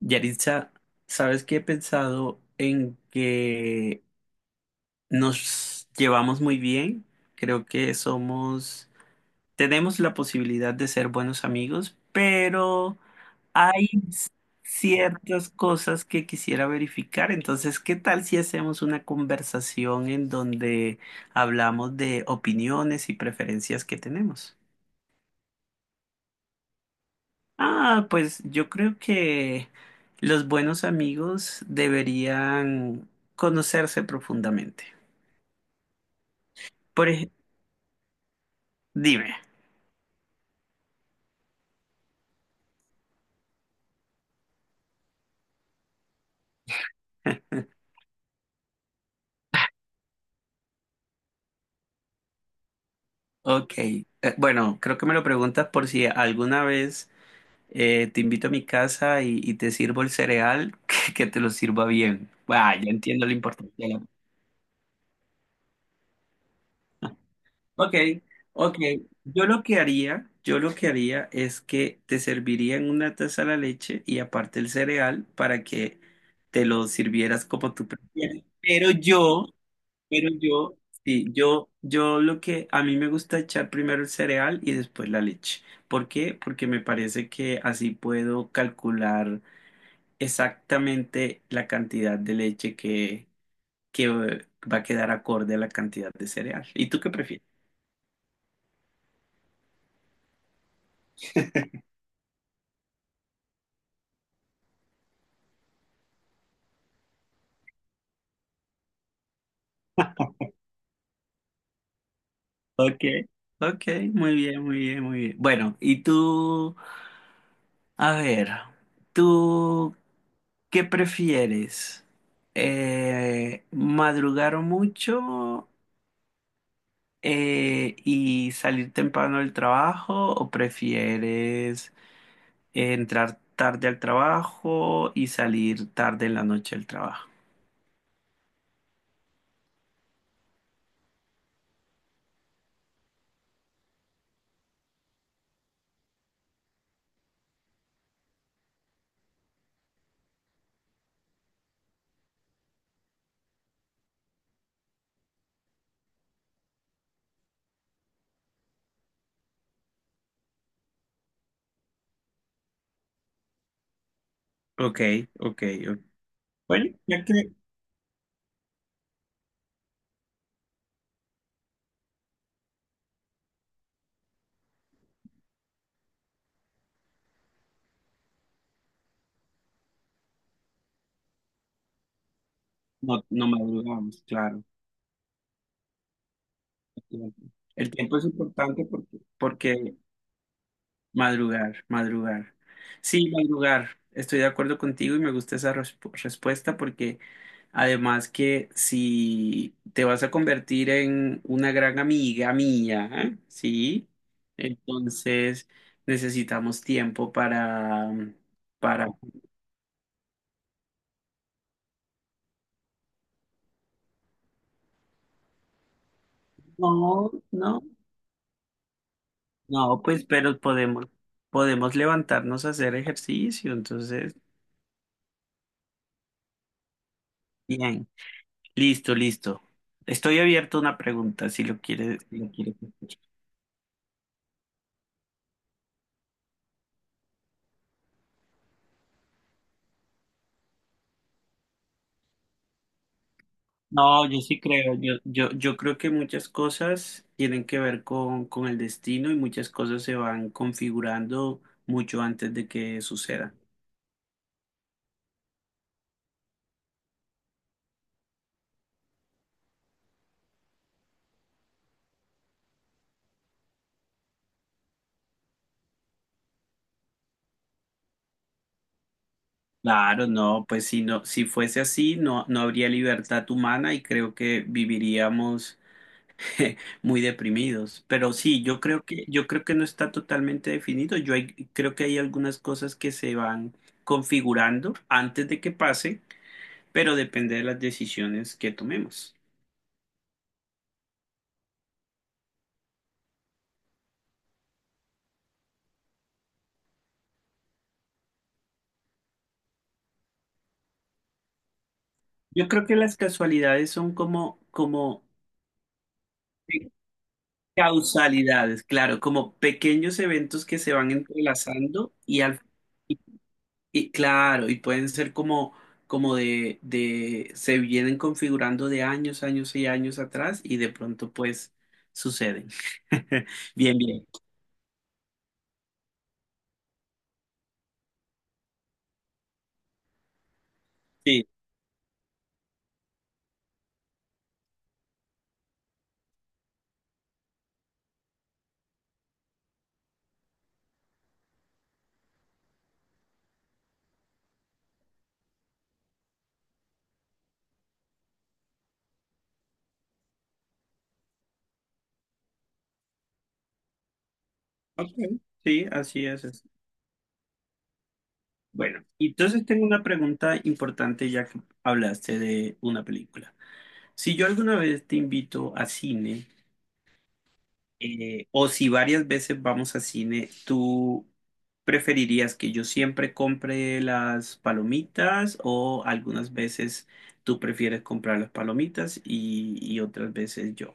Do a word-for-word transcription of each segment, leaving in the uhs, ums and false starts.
Yaritza, ¿sabes qué he pensado en que nos llevamos muy bien? Creo que somos, tenemos la posibilidad de ser buenos amigos, pero hay ciertas cosas que quisiera verificar. Entonces, ¿qué tal si hacemos una conversación en donde hablamos de opiniones y preferencias que tenemos? Ah, pues yo creo que los buenos amigos deberían conocerse profundamente. Por ejemplo, dime. Ok, eh, bueno, creo que me lo preguntas por si alguna vez eh, te invito a mi casa y, y te sirvo el cereal, que, que te lo sirva bien. Ah, ya entiendo la importancia. Ok, ok. Yo lo que haría, yo lo que haría es que te serviría en una taza la leche y aparte el cereal para que te lo sirvieras como tú prefieras. Pero yo, pero yo, sí, yo, yo lo que a mí me gusta echar primero el cereal y después la leche. ¿Por qué? Porque me parece que así puedo calcular exactamente la cantidad de leche que, que va a quedar acorde a la cantidad de cereal. ¿Y tú qué prefieres? Ok, ok, muy bien, muy bien, muy bien. Bueno, y tú, a ver, ¿tú qué prefieres? Eh, ¿madrugar mucho eh, y salir temprano del trabajo o prefieres entrar tarde al trabajo y salir tarde en la noche del trabajo? Ok, ok, ok. Bueno, ya que no, no madrugamos, claro. El tiempo es importante porque, porque madrugar, madrugar. Sí, madrugar. Estoy de acuerdo contigo y me gusta esa resp- respuesta porque además que si te vas a convertir en una gran amiga mía, ¿eh? ¿Sí? Entonces necesitamos tiempo para, para... No, no, no, pues pero podemos, podemos levantarnos a hacer ejercicio, entonces, bien. Listo, listo. Estoy abierto a una pregunta si lo quieres, si lo quieres escuchar. No, yo sí creo, yo, yo, yo creo que muchas cosas tienen que ver con, con el destino y muchas cosas se van configurando mucho antes de que suceda. Claro, no, pues si no, si fuese así, no, no habría libertad humana y creo que viviríamos muy deprimidos. Pero sí, yo creo que, yo creo que no está totalmente definido. Yo hay- creo que hay algunas cosas que se van configurando antes de que pase, pero depende de las decisiones que tomemos. Yo creo que las casualidades son como, como pe- causalidades, claro, como pequeños eventos que se van entrelazando y al y, y claro, y pueden ser como, como de, de, se vienen configurando de años, años y años atrás y de pronto pues suceden. Bien, bien. Sí. Ok. Sí, así es. Así. Bueno, entonces tengo una pregunta importante ya que hablaste de una película. Si yo alguna vez te invito a cine, Eh, o si varias veces vamos a cine, ¿tú preferirías que yo siempre compre las palomitas o algunas veces tú prefieres comprar las palomitas y, y otras veces yo?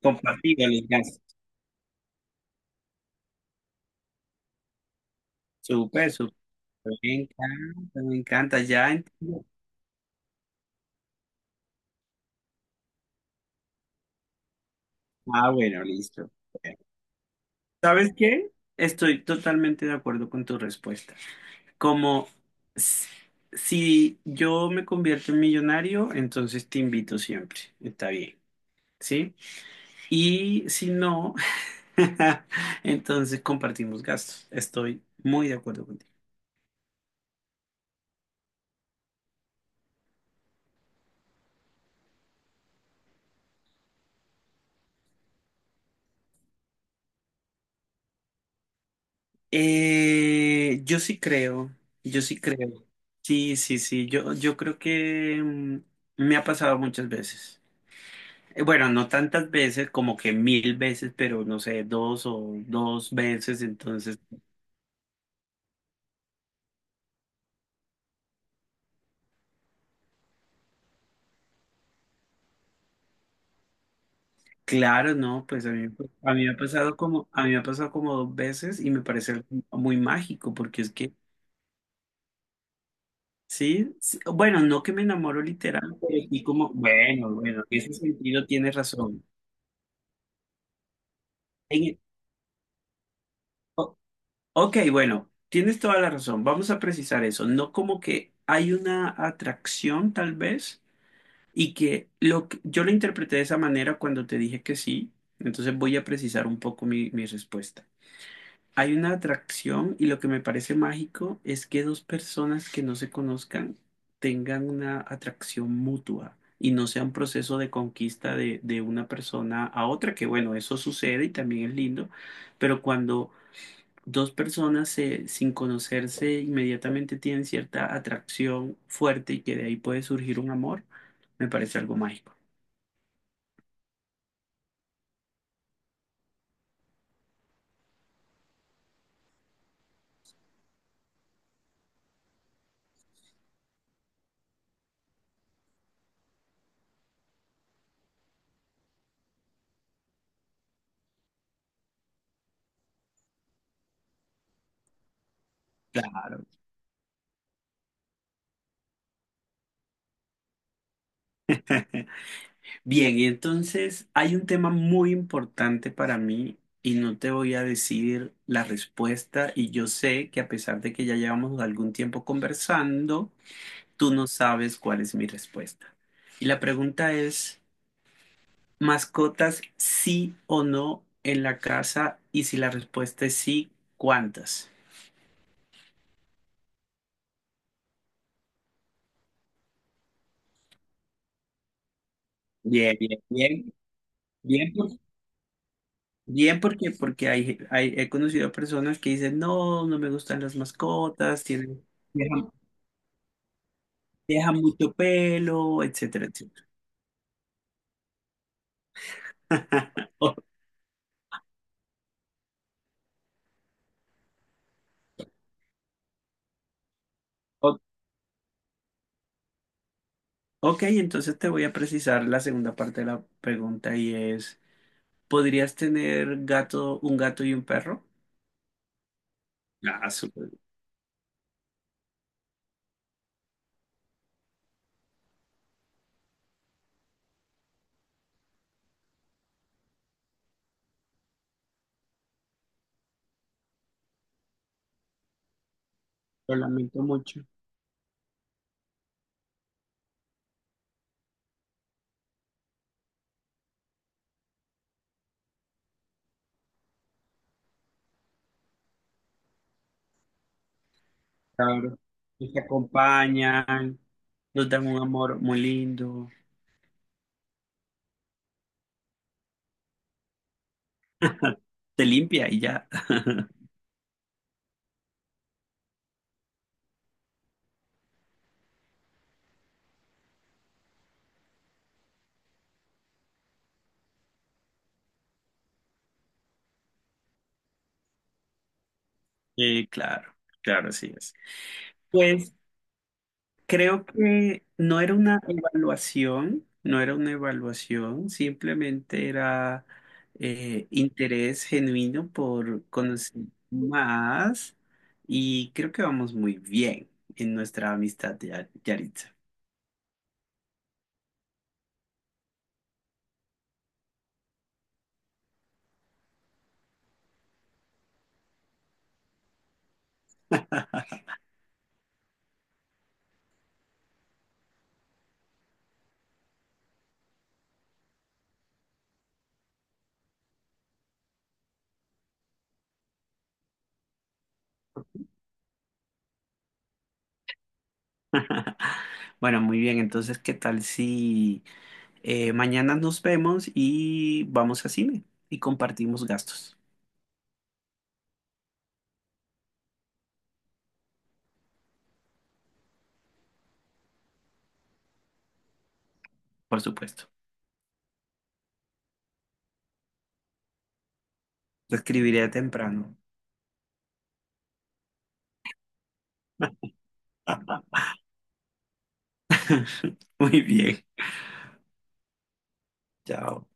Compartido los gastos. Súper, súper. Me encanta, me encanta. Ya entiendo. Ah, bueno, listo. Bueno, ¿sabes qué? Estoy totalmente de acuerdo con tu respuesta. Como s- si yo me convierto en millonario, entonces te invito siempre. Está bien, ¿sí? Y si no, entonces compartimos gastos. Estoy muy de acuerdo contigo. Eh, yo sí creo, yo sí creo. Sí, sí, sí. Yo, yo creo que mm, me ha pasado muchas veces. Eh, Bueno, no tantas veces, como que mil veces, pero no sé, dos o dos veces. Entonces. Claro, no, pues a mí, a mí me ha pasado como, a mí me ha pasado como dos veces y me parece algo muy mágico, porque es que, sí, sí, bueno, no que me enamoro literal, pero sí como, bueno, bueno, en ese sentido tienes razón. En- e, o- ok, bueno, tienes toda la razón, vamos a precisar eso, no como que hay una atracción tal vez y que lo que- yo lo interpreté de esa manera cuando te dije que sí, entonces voy a precisar un poco mi mi respuesta. Hay una atracción y lo que me parece mágico es que dos personas que no se conozcan tengan una atracción mutua y no sea un proceso de conquista de, de una persona a otra, que bueno, eso sucede y también es lindo, pero cuando dos personas se- sin conocerse inmediatamente tienen cierta atracción fuerte y que de ahí puede surgir un amor, me parece algo mágico. Bien, y entonces hay un tema muy importante para mí y no te voy a decir la respuesta y yo sé que a pesar de que ya llevamos algún tiempo conversando, tú no sabes cuál es mi respuesta. Y la pregunta es, ¿mascotas sí o no en la casa? Y si la respuesta es sí, ¿cuántas? Bien, bien, bien, bien, por- bien porque, porque hay, hay- he conocido a personas que dicen, no, no me gustan las mascotas, tienen... deja mucho pelo, etcétera, etcétera. O- o- ok, entonces te voy a precisar la segunda parte de la pregunta y es, ¿podrías tener gato, un gato y un perro? Ah, súper. Lo lamento mucho. Claro. Nos acompañan, nos dan un amor muy lindo. Te limpia y ya. Eh, claro, claro, así es. Pues creo que no era una evaluación, no era una evaluación, simplemente era eh, interés genuino por conocer más y creo que vamos muy bien en nuestra amistad, Ya- Yaritza. Bueno, muy bien, entonces, ¿qué tal si eh, mañana nos vemos y vamos a cine y compartimos gastos, por supuesto? Te escribiré temprano. Muy bien, chao.